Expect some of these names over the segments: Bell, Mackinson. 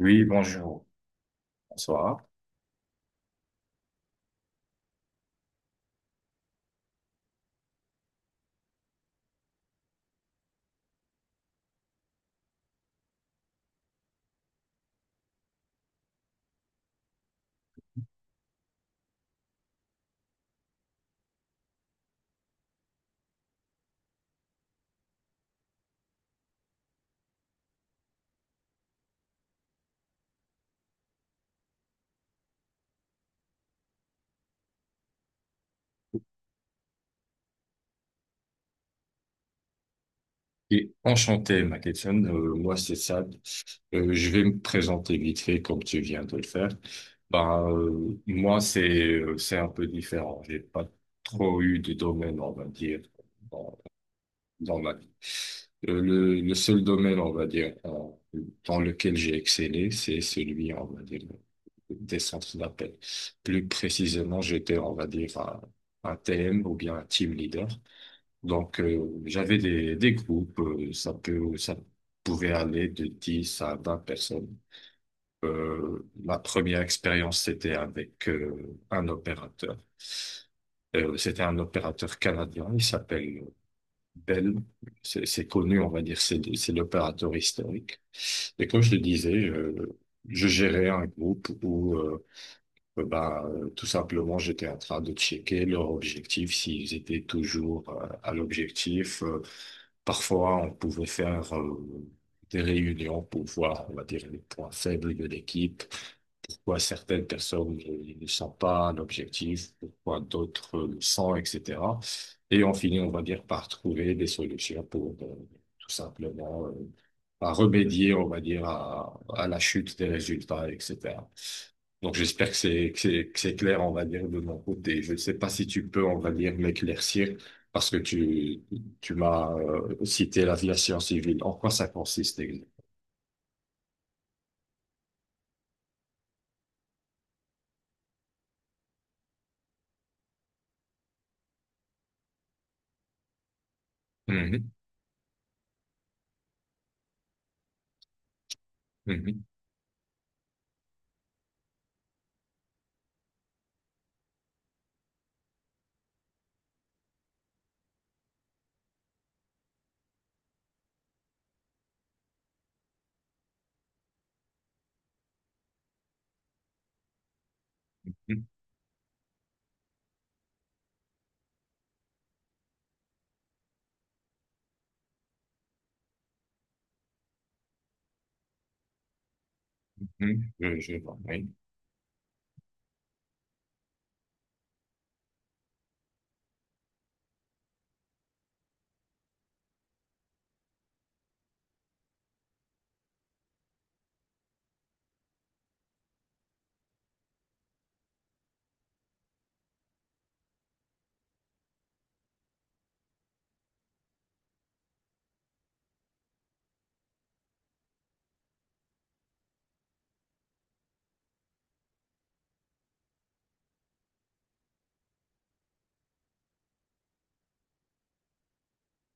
Oui, bonjour, bonsoir. Et enchanté, Mackinson. Moi, c'est Sad. Je vais me présenter vite fait comme tu viens de le faire. Moi, c'est un peu différent. J'ai pas trop eu de domaine, on va dire, dans, dans ma vie. Le seul domaine, on va dire, dans lequel j'ai excellé, c'est celui, on va dire, des centres d'appel. Plus précisément, j'étais, on va dire, un TM ou bien un team leader. Donc, j'avais des groupes, ça pouvait aller de 10 à 20 personnes. Ma première expérience, c'était avec un opérateur. C'était un opérateur canadien, il s'appelle Bell. C'est connu, on va dire, c'est l'opérateur historique. Et comme je le disais, je gérais un groupe où tout simplement, j'étais en train de checker leur objectif, s'ils étaient toujours à l'objectif. Parfois, on pouvait faire des réunions pour voir, on va dire, les points faibles de l'équipe, pourquoi certaines personnes ne sont pas à l'objectif, pourquoi d'autres le sont, etc. Et on finit, on va dire, par trouver des solutions pour tout simplement, à remédier, on va dire, à la chute des résultats, etc. Donc j'espère que c'est clair, on va dire, de mon côté. Je ne sais pas si tu peux, on va dire, m'éclaircir parce que tu m'as cité l'aviation civile. En quoi ça consiste exactement? Mhm, mhm, mhm, mhm. Je vois, oui.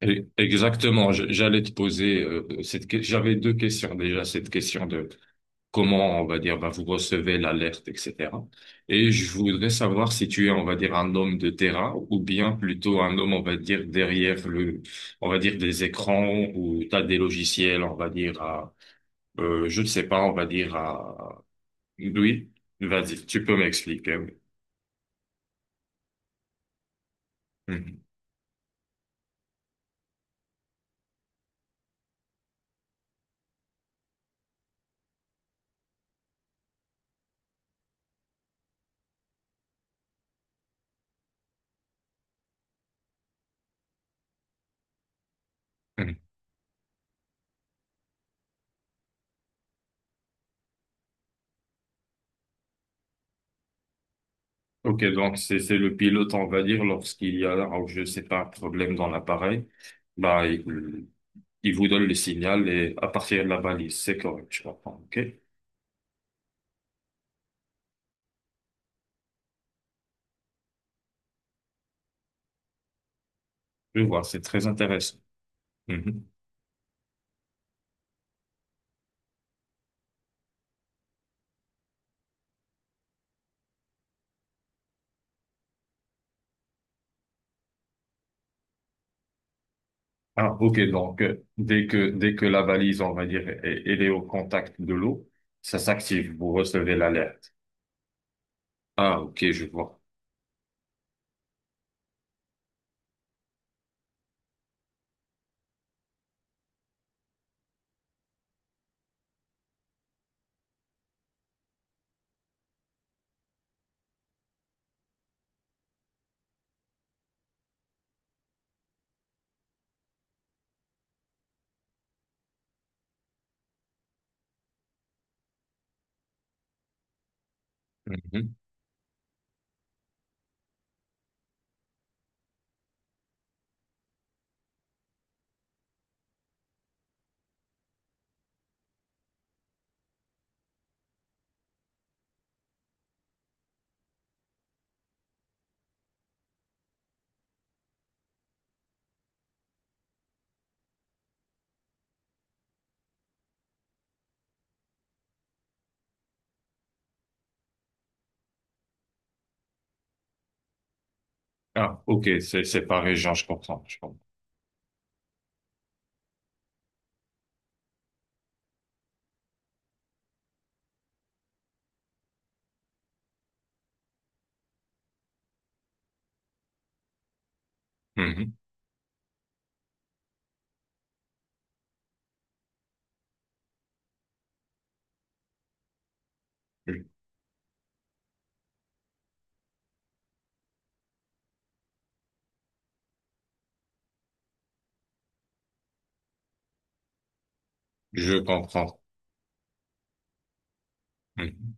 Exactement. J'allais te poser J'avais deux questions déjà. Cette question de comment, on va dire, bah, vous recevez l'alerte, etc. Et je voudrais savoir si tu es, on va dire, un homme de terrain ou bien plutôt un homme, on va dire, derrière le, on va dire, des écrans ou t'as des logiciels, on va dire, à, je ne sais pas, on va dire, à, oui, vas-y, tu peux m'expliquer. Oui. Mhm. Mhm. Ok, donc c'est le pilote, on va dire, lorsqu'il y a, alors, je sais pas, un problème dans l'appareil, bah, il vous donne le signal et à partir de la balise, c'est correct, je comprends, ok? Je vois, c'est très intéressant. Mhm. Ah, ok, donc dès que la valise, on va dire, elle est au contact de l'eau, ça s'active, vous recevez l'alerte. Ah, ok, je vois. Mhm. Ah, ok, c'est par région, je comprends, je comprends. Mhm. Je je comprends. Mhm.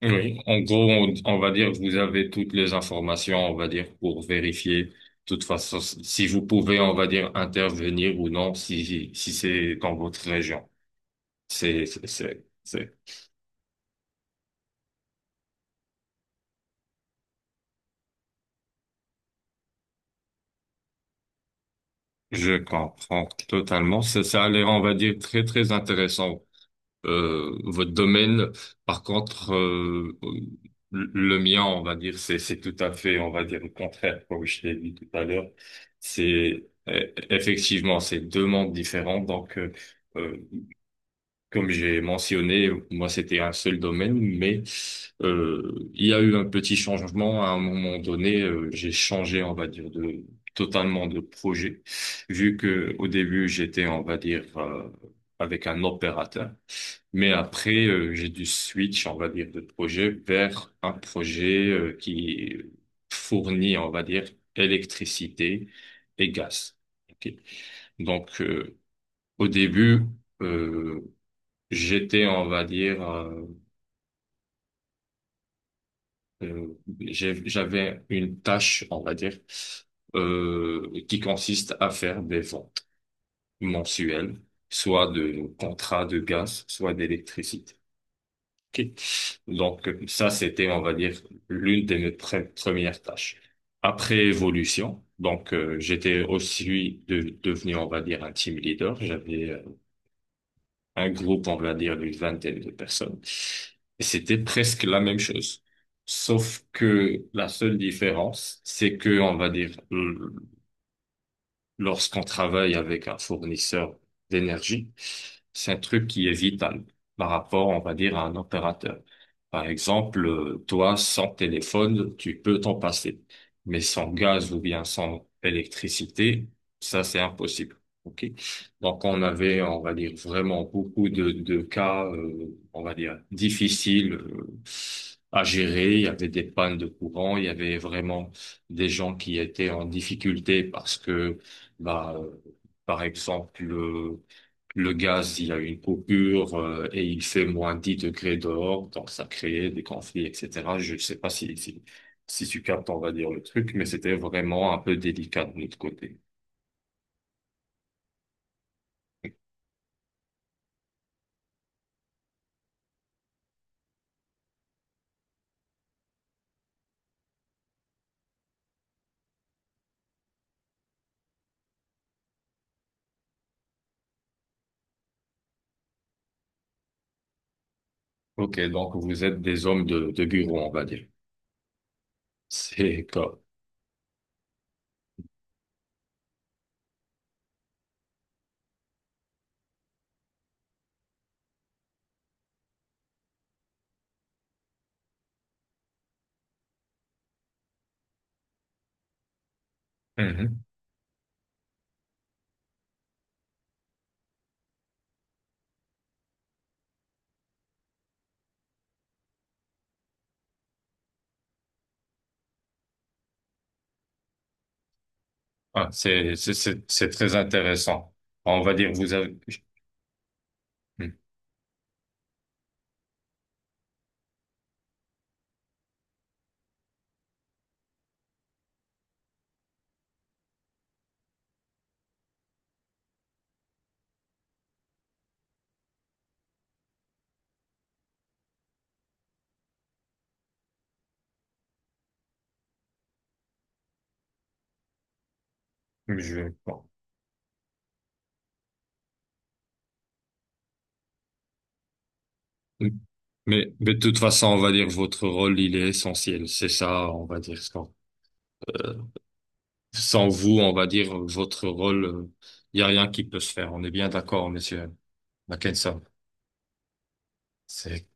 Oui, en gros, on va dire que vous avez toutes les informations, on va dire, pour vérifier. De toute façon, si vous pouvez, on va dire, intervenir ou non, si c'est dans votre région. C'est c'est c'est- c'est- Je comprends totalement. Ça a l'air, on va dire, très, très intéressant, votre domaine. Par contre, le mien, on va dire, c'est tout à fait, on va dire, le contraire, comme je l'ai dit tout à l'heure. Effectivement, c'est deux mondes différents. Donc, euh, comme j'ai mentionné, moi c'était un seul domaine, mais il y a eu un petit changement à un moment donné. J'ai changé, on va dire, de totalement de projet, vu que au début j'étais, on va dire, avec un opérateur, mais après j'ai dû switch, on va dire, de projet vers un projet qui fournit, on va dire, électricité et gaz. Ok. Donc au début, euh, j'étais, on va dire, euh, j'avais une tâche, on va dire, qui consiste à faire des ventes mensuelles, soit de contrats de gaz, soit d'électricité. Ok. Donc ça, c'était, on va dire, l'une de mes premières tâches. Après évolution, donc j'étais aussi devenu, on va dire, un team leader. J'avais un groupe, on va dire, d'une vingtaine de personnes. Et c'était presque la même chose. Sauf que la seule différence, c'est que, on va dire, lorsqu'on travaille avec un fournisseur d'énergie, c'est un truc qui est vital par rapport, on va dire, à un opérateur. Par exemple, toi, sans téléphone, tu peux t'en passer, mais sans gaz ou bien sans électricité, ça, c'est impossible. OK? Donc, on avait, on va dire, vraiment beaucoup de cas, on va dire, difficiles, à gérer. Il y avait des pannes de courant, il y avait vraiment des gens qui étaient en difficulté parce que bah, euh, par exemple, le gaz, il y a une coupure, et il fait -10 degrés dehors, donc ça crée des conflits, etc. Je ne sais pas si tu captes, on va dire, le truc, mais c'était vraiment un peu délicat de notre côté. Ok, donc vous êtes des hommes de bureau, on va dire. C'est comme. Mhm. Ah, c'est très intéressant. On va dire, vous avez, bon. Mais de toute façon, on va dire, votre rôle, il est essentiel. C'est ça, on va dire. Sans vous, on va dire, votre rôle, il y a rien qui peut se faire. On est bien d'accord, monsieur Mackensen. C'est,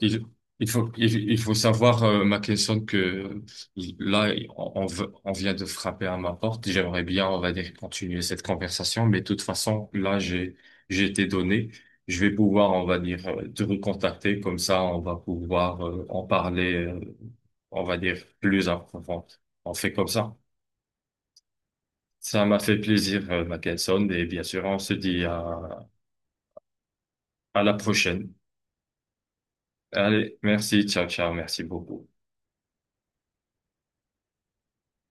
il, il faut, il faut savoir, ma question que là, on vient de frapper à ma porte. J'aimerais bien, on va dire, continuer cette conversation, mais de toute façon, là, j'ai été donné. Je vais pouvoir, on va dire, te recontacter. Comme ça, on va pouvoir, en parler, on va dire, plus en profondeur. On fait comme ça. Ça m'a fait plaisir, Mackinson, et bien sûr, on se dit à la prochaine. Allez, merci, ciao, ciao, merci beaucoup.